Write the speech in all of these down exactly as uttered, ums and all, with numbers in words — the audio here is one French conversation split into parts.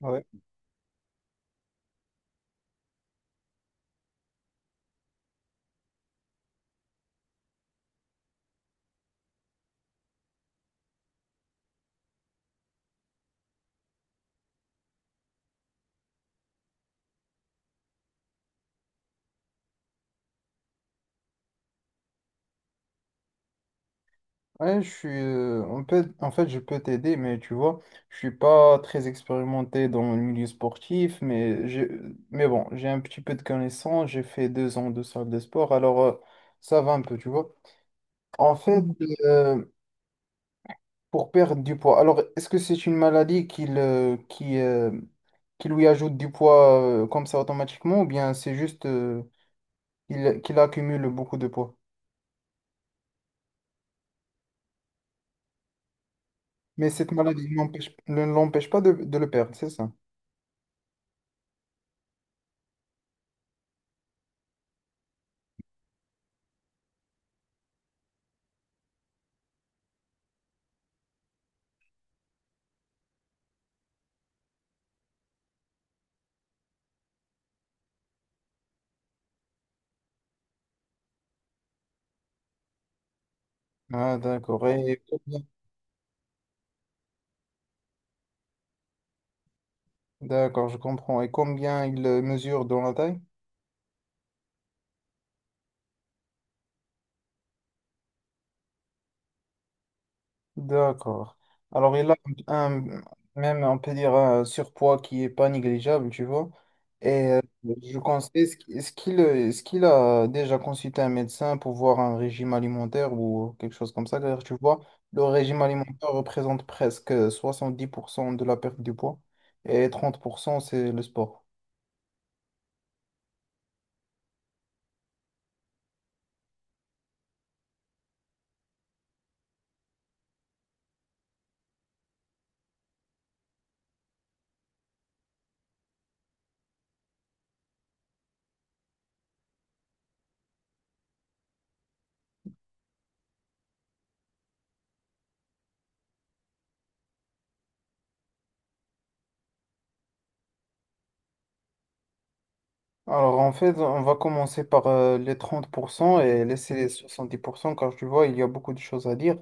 Ouais. Ouais, je suis, euh, on peut, en fait, je peux t'aider, mais tu vois, je suis pas très expérimenté dans le milieu sportif, mais j'ai, mais bon, j'ai un petit peu de connaissances, j'ai fait deux ans de salle de sport, alors euh, ça va un peu, tu vois. En fait, Mhm. euh, pour perdre du poids, alors est-ce que c'est une maladie qui, le- qui, euh, qui lui ajoute du poids euh, comme ça automatiquement, ou bien c'est juste euh, qu'il qu'il accumule beaucoup de poids? Mais cette maladie n'empêche- ne l'empêche pas de de le perdre, c'est ça? Ah, d'accord. Et combien- D'accord, je comprends. Et combien il euh, mesure dans la taille? D'accord. Alors, il a un, même, on peut dire, un surpoids qui n'est pas négligeable, tu vois. Et euh, je conseille, est-ce qu'- est-ce qu'il euh, est-ce qu'il a déjà consulté un médecin pour voir un régime alimentaire ou quelque chose comme ça? Car tu vois, le régime alimentaire représente presque soixante dix pour cent de la perte du poids et trente pour cent c'est le sport. Alors en fait, on va commencer par euh, les trente pour cent et laisser les soixante-dix pour cent car tu vois, il y a beaucoup de choses à dire.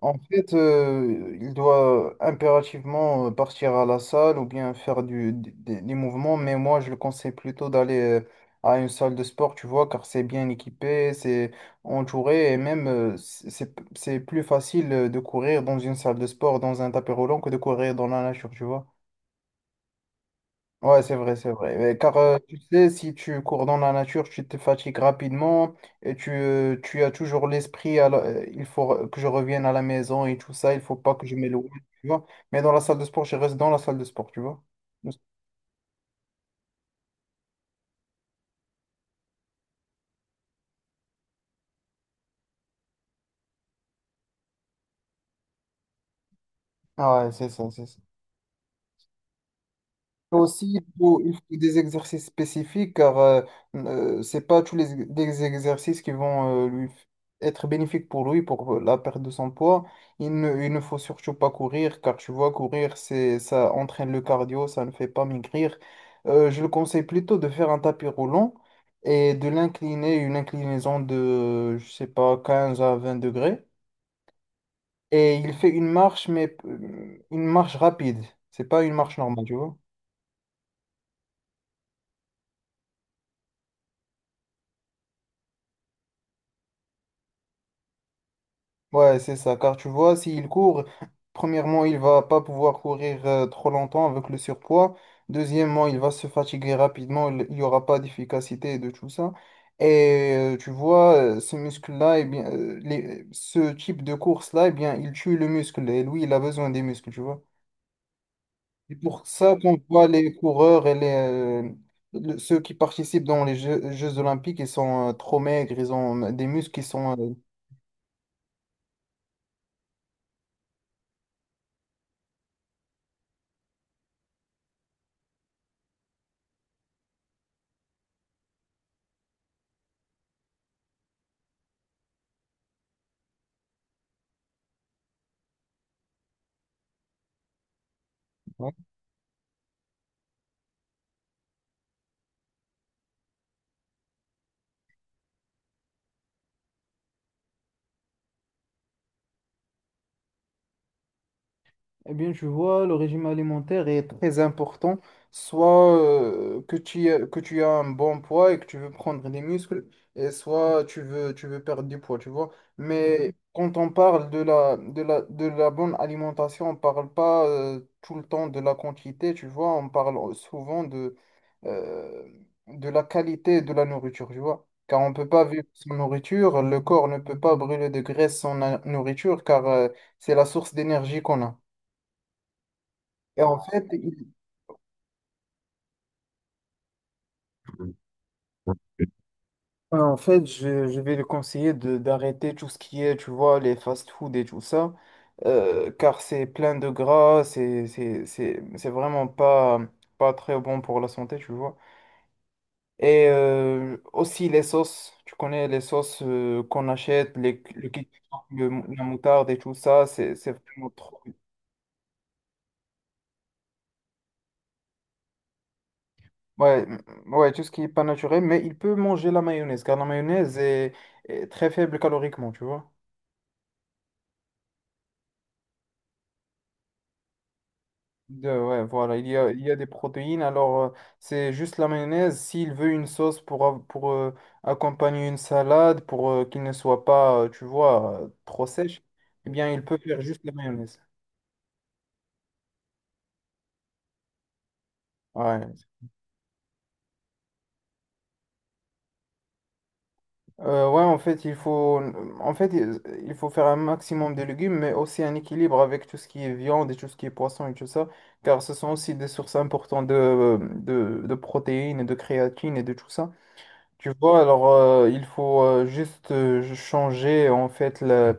En fait, euh, il doit impérativement euh, partir à la salle ou bien faire du, des, des- des mouvements, mais moi je le conseille plutôt d'aller euh, à une salle de sport, tu vois, car c'est bien équipé, c'est entouré et même euh, c'est, c'est c'est plus facile euh, de courir dans une salle de sport, dans un tapis roulant que de courir dans la nature, tu vois. Ouais, c'est vrai, c'est vrai. Mais Car euh, tu sais, si tu cours dans la nature, tu te fatigues rapidement et tu, euh, tu as toujours l'esprit, à la- euh, il faut que je revienne à la maison et tout ça, il faut pas que je m'éloigne, tu vois. Mais dans la salle de sport, je reste dans la salle de sport, tu vois. Ah ouais, c'est ça, c'est ça. Aussi, il faut, il faut des exercices spécifiques car euh, euh, c'est pas tous les, les exercices qui vont euh, lui f- être bénéfiques pour lui pour euh, la perte de son poids. Il ne, il ne faut surtout pas courir car tu vois, courir, c'est, ça entraîne le cardio, ça ne fait pas maigrir. Euh, je le conseille plutôt de faire un tapis roulant et de l'incliner, une inclinaison de, je sais pas, quinze à vingt degrés. Et il fait une marche, mais euh, une marche rapide. C'est pas une marche normale, tu vois. Ouais, c'est ça, car tu vois, s'il court, premièrement, il va pas pouvoir courir euh, trop longtemps avec le surpoids. Deuxièmement, il va se fatiguer rapidement, il n'y aura pas d'efficacité et de tout ça. Et euh, tu vois, euh, ce muscle-là, eh bien, euh, les- ce type de course-là, eh bien, il tue le muscle. Et lui, il a besoin des muscles, tu vois. C'est pour ça qu'on voit les coureurs et les, euh, le- ceux qui participent dans les Jeux, Jeux olympiques, ils sont euh, trop maigres, ils ont des muscles qui sont... euh, Eh bien, tu vois, le régime alimentaire est très important, soit euh, que tu, aies- que tu as un bon poids et que tu veux prendre des muscles, et soit tu veux, tu veux perdre du poids, tu vois. Mais Mhm. quand on parle de la, de la, de la bonne alimentation, on parle pas euh, tout le temps de la quantité, tu vois, on parle euh, souvent de, euh, de la qualité de la nourriture, tu vois. Car on ne peut pas vivre sans nourriture, le corps ne peut pas brûler de graisse sans na- nourriture, car euh, c'est la source d'énergie qu'on a. Et en fait, il- ouais, en fait, je, je vais le conseiller de d'arrêter tout ce qui est, tu vois, les fast-food et tout ça, euh, car c'est plein de gras, c'est c'est- c'est- c'est vraiment pas, pas très bon pour la santé, tu vois. Et euh, aussi les sauces, tu connais les sauces euh, qu'on achète, les, le ketchup, le- la moutarde et tout ça, c'est c'est vraiment trop bon. Ouais, m- ouais, tout ce qui est pas naturel, mais il peut manger la mayonnaise, car la mayonnaise est est très faible caloriquement, tu vois. De- ouais, voilà, il y a, il y a des protéines. Alors, euh, c'est juste la mayonnaise. S'il veut une sauce pour, av- pour euh, accompagner une salade, pour euh, qu'il ne soit pas, euh, tu vois, euh, trop sèche, eh bien, il peut faire juste la mayonnaise. Ouais. Euh, ouais, en fait, il faut, en fait, il il faut faire un maximum de légumes, mais aussi un équilibre avec tout ce qui est viande et tout ce qui est poisson et tout ça, car ce sont aussi des sources importantes de, de, de protéines et de créatine et de tout ça. Tu vois, alors euh, il faut euh, juste euh, changer en fait la,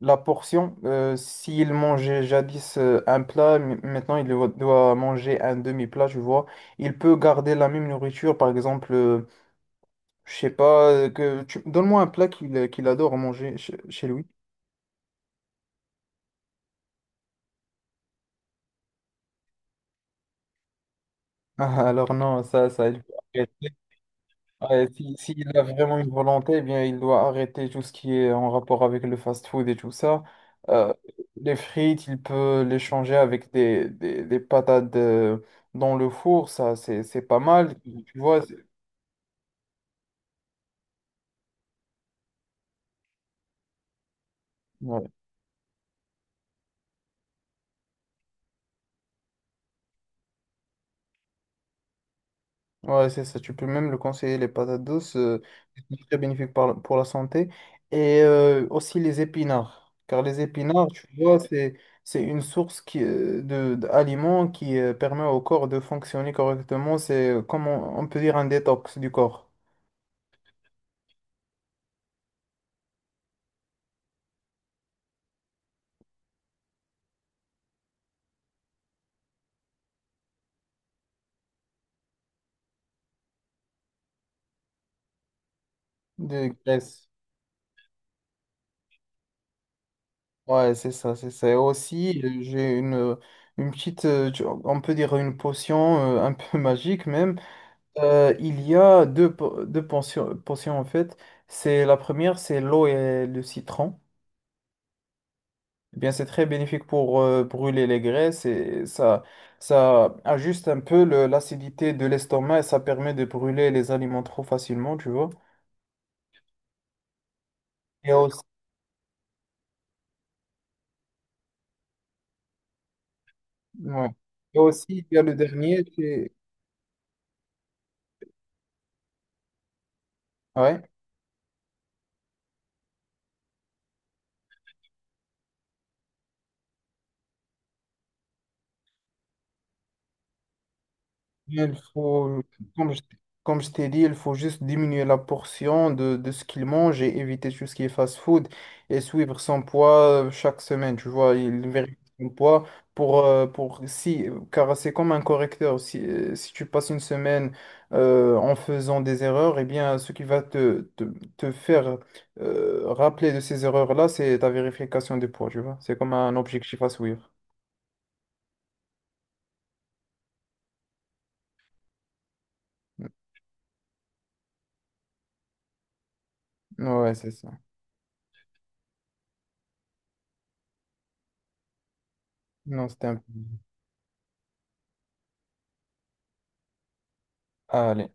la portion. Euh, s'il mangeait jadis euh, un plat, m- maintenant il doit doit manger un demi-plat, tu vois. Il peut garder la même nourriture, par exemple, euh, je sais pas, euh, que tu... donne-moi un plat qu'il qu'il adore manger chez, chez lui. Ah, Alors non, ça, ça, il faut arrêter. Ouais, si, s'il a vraiment une volonté, eh bien, il doit arrêter tout ce qui est en rapport avec le fast-food et tout ça. Euh, les frites, il peut les changer avec des, des, des patates euh, dans le four, ça, c'est, c'est pas mal. Tu vois, c'est- ouais. Ouais, c'est ça. Tu peux même le conseiller, les patates douces. Euh, c'est très bénéfique par- pour la santé. Et euh, aussi les épinards. Car les épinards, tu vois, c'est, c'est une source qui, euh, de, d'aliments qui euh, permet au corps de fonctionner correctement. C'est, euh, comme on, on peut dire, un détox du corps, de graisse. Ouais, c'est ça, c'est ça. Et aussi, euh, j'ai une, une petite, euh, tu- on peut dire une potion euh, un peu magique même. Euh, il y a deux, po- deux pensions, pensions, en fait. C'est la première, c'est l'eau et le citron. Eh bien, c'est très bénéfique pour euh, brûler les graisses et ça, ça ajuste un peu le- l'acidité de l'estomac et ça permet de brûler les aliments trop facilement, tu vois. Et aussi, ouais. Et aussi, il y a le dernier, c'est... ouais. Il faut, comme je, comme je t'ai dit, il faut juste diminuer la portion de, de ce qu'il mange et éviter tout ce qui est fast-food et suivre son poids euh, chaque semaine. Tu vois, il vérifie son poids pour, euh, pour si, car c'est comme un correcteur. Si, euh, si tu passes une semaine euh, en faisant des erreurs, eh bien, ce qui va te, te, te faire euh, rappeler de ces erreurs-là, c'est ta vérification des poids. Tu vois, c'est comme un objectif à suivre. Ouais, c'est ça. Non, c'était un peu. Allez.